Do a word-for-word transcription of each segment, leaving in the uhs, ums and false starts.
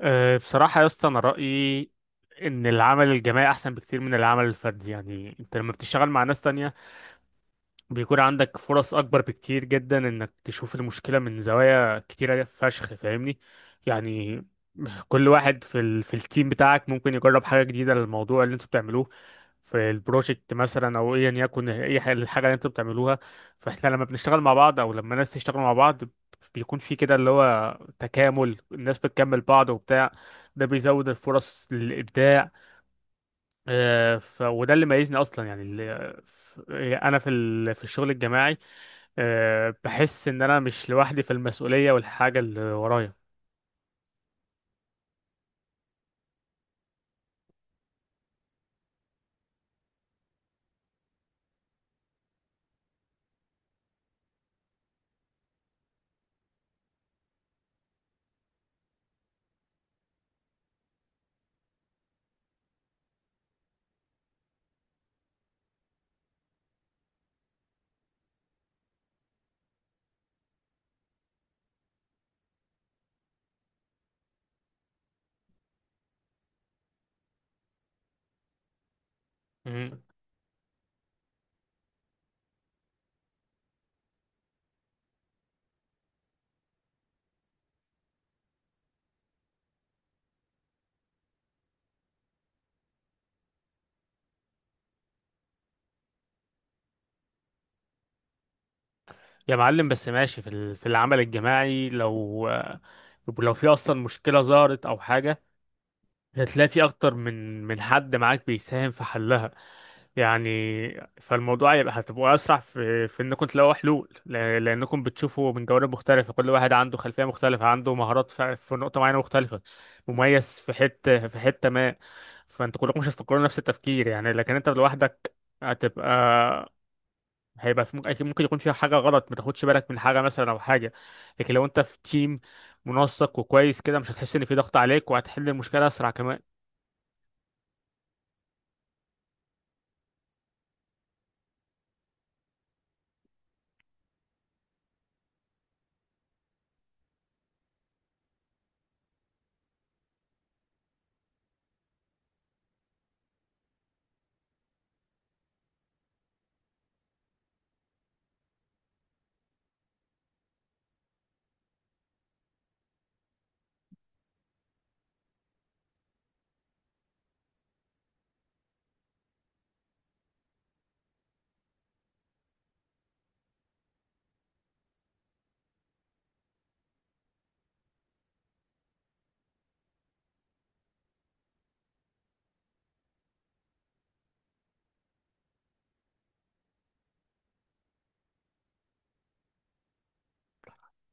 أه، بصراحة يا اسطى أنا رأيي إن العمل الجماعي أحسن بكتير من العمل الفردي، يعني أنت لما بتشتغل مع ناس تانية بيكون عندك فرص اكبر بكتير جدا انك تشوف المشكله من زوايا كتيره فشخ، فاهمني يعني. كل واحد في ال... في التيم بتاعك ممكن يجرب حاجه جديده للموضوع اللي انتوا بتعملوه في البروجكت مثلا، او ايا يكن اي حاجه الحاجه اللي انتوا بتعملوها. فاحنا لما بنشتغل مع بعض، او لما ناس تشتغل مع بعض، بيكون في كده اللي هو تكامل، الناس بتكمل بعض وبتاع، ده بيزود الفرص للابداع. آه، ف... وده اللي ميزني اصلا، يعني اللي... انا في ال... في الشغل الجماعي أه بحس ان انا مش لوحدي في المسؤولية والحاجة اللي ورايا. مم. يا معلم، بس ماشي في ال- في العمل الجماعي لو آه، لو في اصلا مشكلة ظهرت او حاجة، هتلاقي في اكتر من من حد معاك بيساهم في حلها، يعني. فالموضوع يبقى هتبقوا اسرع في في انكم تلاقوا حلول، ل- لانكم بتشوفوا من جوانب مختلفه، كل واحد عنده خلفيه مختلفه، عنده مهارات ف- في نقطه معينه مختلفه، مميز في حته في حته ما. فانتوا كلكم مش هتفكروا نفس التفكير يعني، لكن انت لوحدك هتبقى هيبقى في، ممكن أكيد ممكن يكون فيها حاجه غلط، ما تاخدش بالك من حاجه مثلا او حاجه. لكن لو انت في تيم منسق وكويس كده، مش هتحس ان في ضغط عليك، وهتحل المشكله اسرع كمان.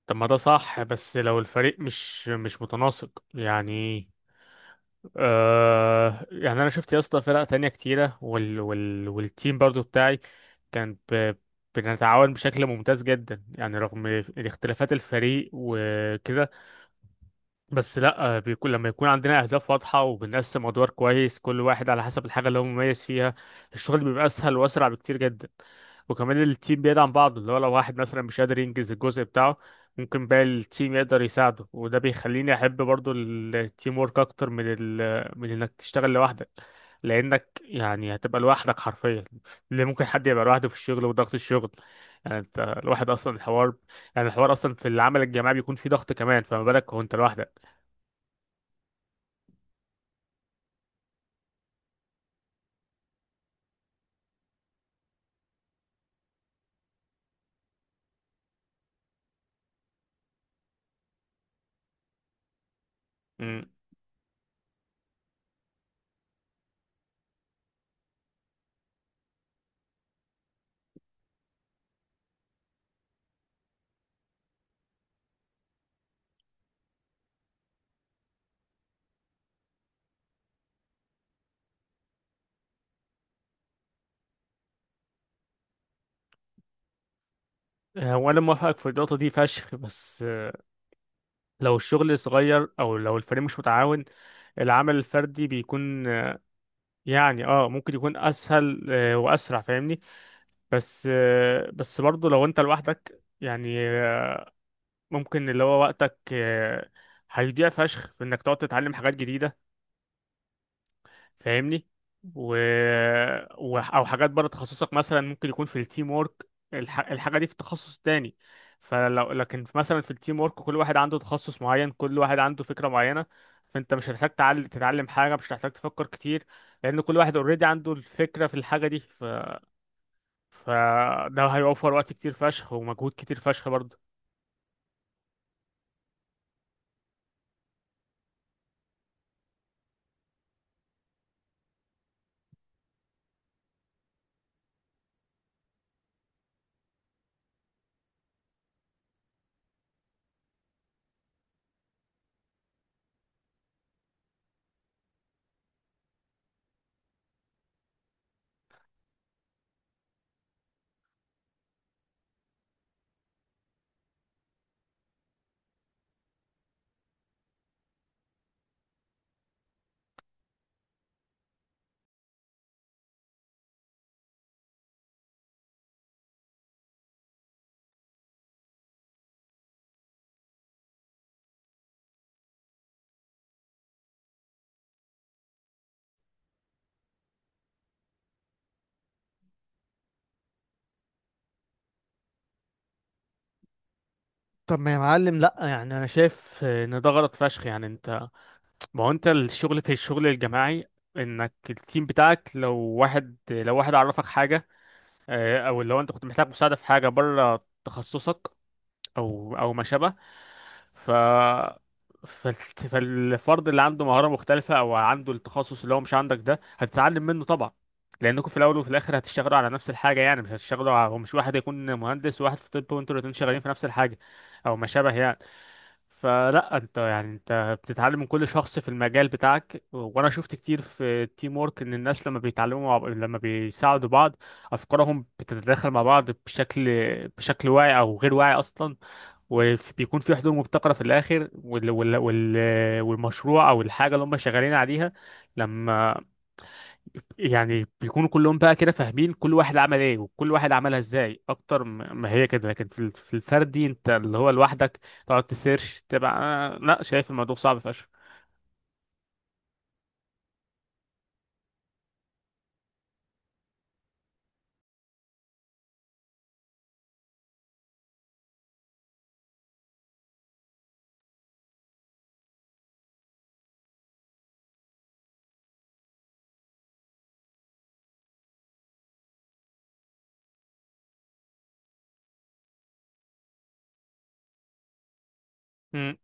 طب ما ده صح، بس لو الفريق مش مش متناسق يعني. آه يعني انا شفت يا اسطى فرق تانية كتيرة، وال وال والتيم برضو بتاعي كان ب... بنتعاون بشكل ممتاز جدا، يعني رغم اختلافات الفريق وكده، بس لا، آه، بيكون لما يكون عندنا اهداف واضحه وبنقسم ادوار كويس، كل واحد على حسب الحاجه اللي هو مميز فيها، الشغل بيبقى اسهل واسرع بكتير جدا. وكمان التيم بيدعم بعضه، اللي هو لو واحد مثلا مش قادر ينجز الجزء بتاعه، ممكن باقي التيم يقدر يساعده، وده بيخليني احب برضو التيم ورك اكتر من ال من انك تشتغل لوحدك. لانك يعني هتبقى لوحدك حرفيا، اللي ممكن حد يبقى لوحده في الشغل وضغط الشغل، يعني انت الواحد اصلا الحوار، يعني الحوار اصلا في العمل الجماعي بيكون فيه ضغط، كمان فما بالك وانت لوحدك. مم. هو انا موافقك في النقطه دي فشخ، بس آه، لو الشغل صغير او لو الفريق مش متعاون، العمل الفردي بيكون آه، يعني اه ممكن يكون اسهل، آه، واسرع، فاهمني. بس آه، بس برضه لو انت لوحدك يعني، آه، ممكن اللي هو وقتك آه، هيضيع فشخ في انك تقعد تتعلم حاجات جديده، فاهمني. و... و... او حاجات بره تخصصك، مثلا ممكن يكون في التيم وورك الح... الحاجه دي في تخصص تاني. فلو لكن في- مثلا في التيم وورك كل واحد عنده تخصص معين، كل واحد عنده فكره معينه، فانت مش هتحتاج تعل... تتعلم حاجه، مش هتحتاج تفكر كتير، لان كل واحد اوريدي عنده الفكره في الحاجه دي، ف... فده هيوفر وقت كتير فشخ ومجهود كتير فشخ برضه. طب ما يا معلم لا، يعني انا شايف ان ده غلط فشخ، يعني انت، ما هو انت الشغل في الشغل الجماعي، انك التيم بتاعك لو واحد، لو واحد عرفك حاجة آه، او لو انت كنت محتاج مساعدة في حاجة بره تخصصك، او او ما شابه، ف فالت- فالفرد اللي عنده مهارة مختلفة او عنده التخصص اللي هو مش عندك، ده هتتعلم منه طبعا، لانكم في الاول وفي الاخر هتشتغلوا على نفس الحاجة، يعني مش هتشتغلوا على... مش واحد يكون مهندس وواحد في طب وانتوا الاتنين شغالين في نفس الحاجة او ما شابه يعني. فلا، انت يعني انت بتتعلم من كل شخص في المجال بتاعك، وانا شفت كتير في التيم ورك ان الناس لما بيتعلموا مع... لما بيساعدوا بعض افكارهم بتتداخل مع بعض بشكل، بشكل واعي او غير واعي اصلا، وبيكون في حلول مبتكرة في الآخر، وال... وال... وال... والمشروع أو الحاجة اللي هم شغالين عليها، لما يعني بيكونوا كلهم بقى كده فاهمين كل واحد عمل ايه وكل واحد عملها ازاي اكتر، م- ما هي كده، لكن في ال- في الفردي انت اللي هو لوحدك تقعد تسيرش، تبقى آه، لا، شايف الموضوع صعب فشخ. امم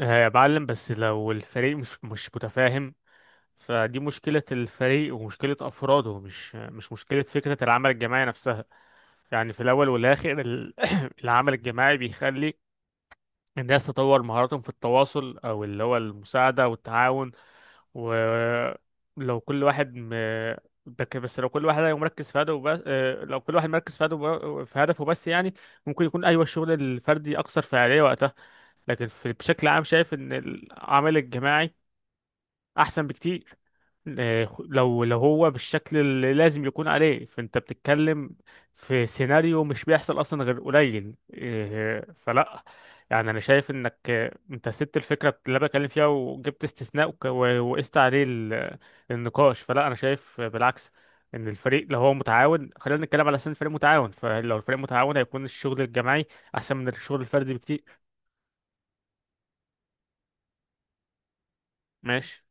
يا معلم، بس لو الفريق مش مش متفاهم، فدي مشكلة الفريق ومشكلة أفراده، مش مش مشكلة فكرة العمل الجماعي نفسها. يعني في الأول والآخر ال- العمل الجماعي بيخلي الناس تطور مهاراتهم في التواصل، أو اللي هو المساعدة والتعاون. ولو كل واحد م... ده ك- بس لو كل واحد هيبقى مركز في هدفه بس، آه، لو كل واحد مركز في هدفه، في هدفه بس يعني، ممكن يكون أيوة، الشغل الفردي أكثر فعالية وقتها، لكن في... بشكل عام شايف إن العمل الجماعي أحسن بكتير. آه، خ- لو لو هو بالشكل اللي لازم يكون عليه، فانت بتتكلم في سيناريو مش بيحصل اصلا غير قليل، آه، فلا، يعني انا شايف انك، آه، انت سبت الفكره اللي أنا بتكلم فيها وجبت استثناء وك- و- وقست عليه ال- النقاش. فلا، انا شايف بالعكس ان الفريق لو هو متعاون، خلينا نتكلم على اساس إن الفريق متعاون، فلو الفريق متعاون هيكون الشغل الجماعي احسن من الشغل الفردي بكتير. ماشي.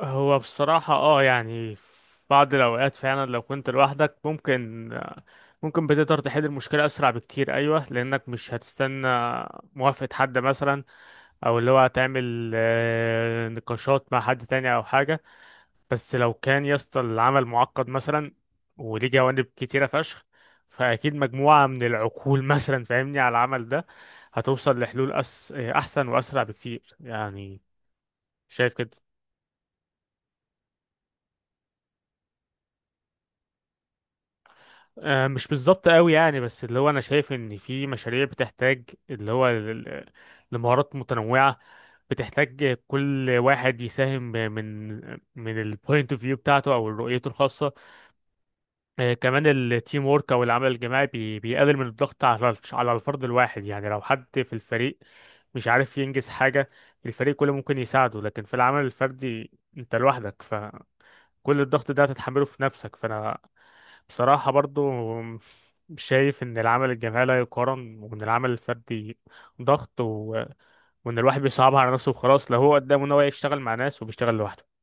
هو بصراحة اه يعني في بعض الأوقات فعلا لو كنت لوحدك ممكن، ممكن بتقدر تحل المشكلة أسرع بكتير، أيوة، لأنك مش هتستنى موافقة حد مثلا، أو اللي هو هتعمل آه، نقاشات مع حد تاني أو حاجة. بس لو كان يا اسطى العمل معقد مثلا وليه جوانب كتيرة فشخ، فأكيد مجموعة من العقول مثلا فاهمني على العمل ده، هتوصل لحلول أس... آه، أحسن وأسرع بكتير يعني، شايف كده. آه، مش بالظبط قوي يعني، بس اللي هو انا شايف ان في مشاريع بتحتاج اللي هو ل- لمهارات متنوعة، بتحتاج كل واحد يساهم ب- من من البوينت اوف فيو بتاعته او رؤيته الخاصة. آه، كمان التيم وورك او العمل الجماعي بي- بيقلل من الضغط على الش- على الفرد الواحد، يعني لو حد في الفريق مش عارف ينجز حاجة، الفريق كله ممكن يساعده. لكن في العمل الفردي انت لوحدك، كل الضغط ده هتتحمله في نفسك. فانا بصراحة برضو شايف ان العمل الجماعي لا يقارن، وان العمل الفردي ضغط، و... وان الواحد بيصعبها على نفسه وخلاص، لو هو قدامه ان هو يشتغل مع ناس وبيشتغل لوحده.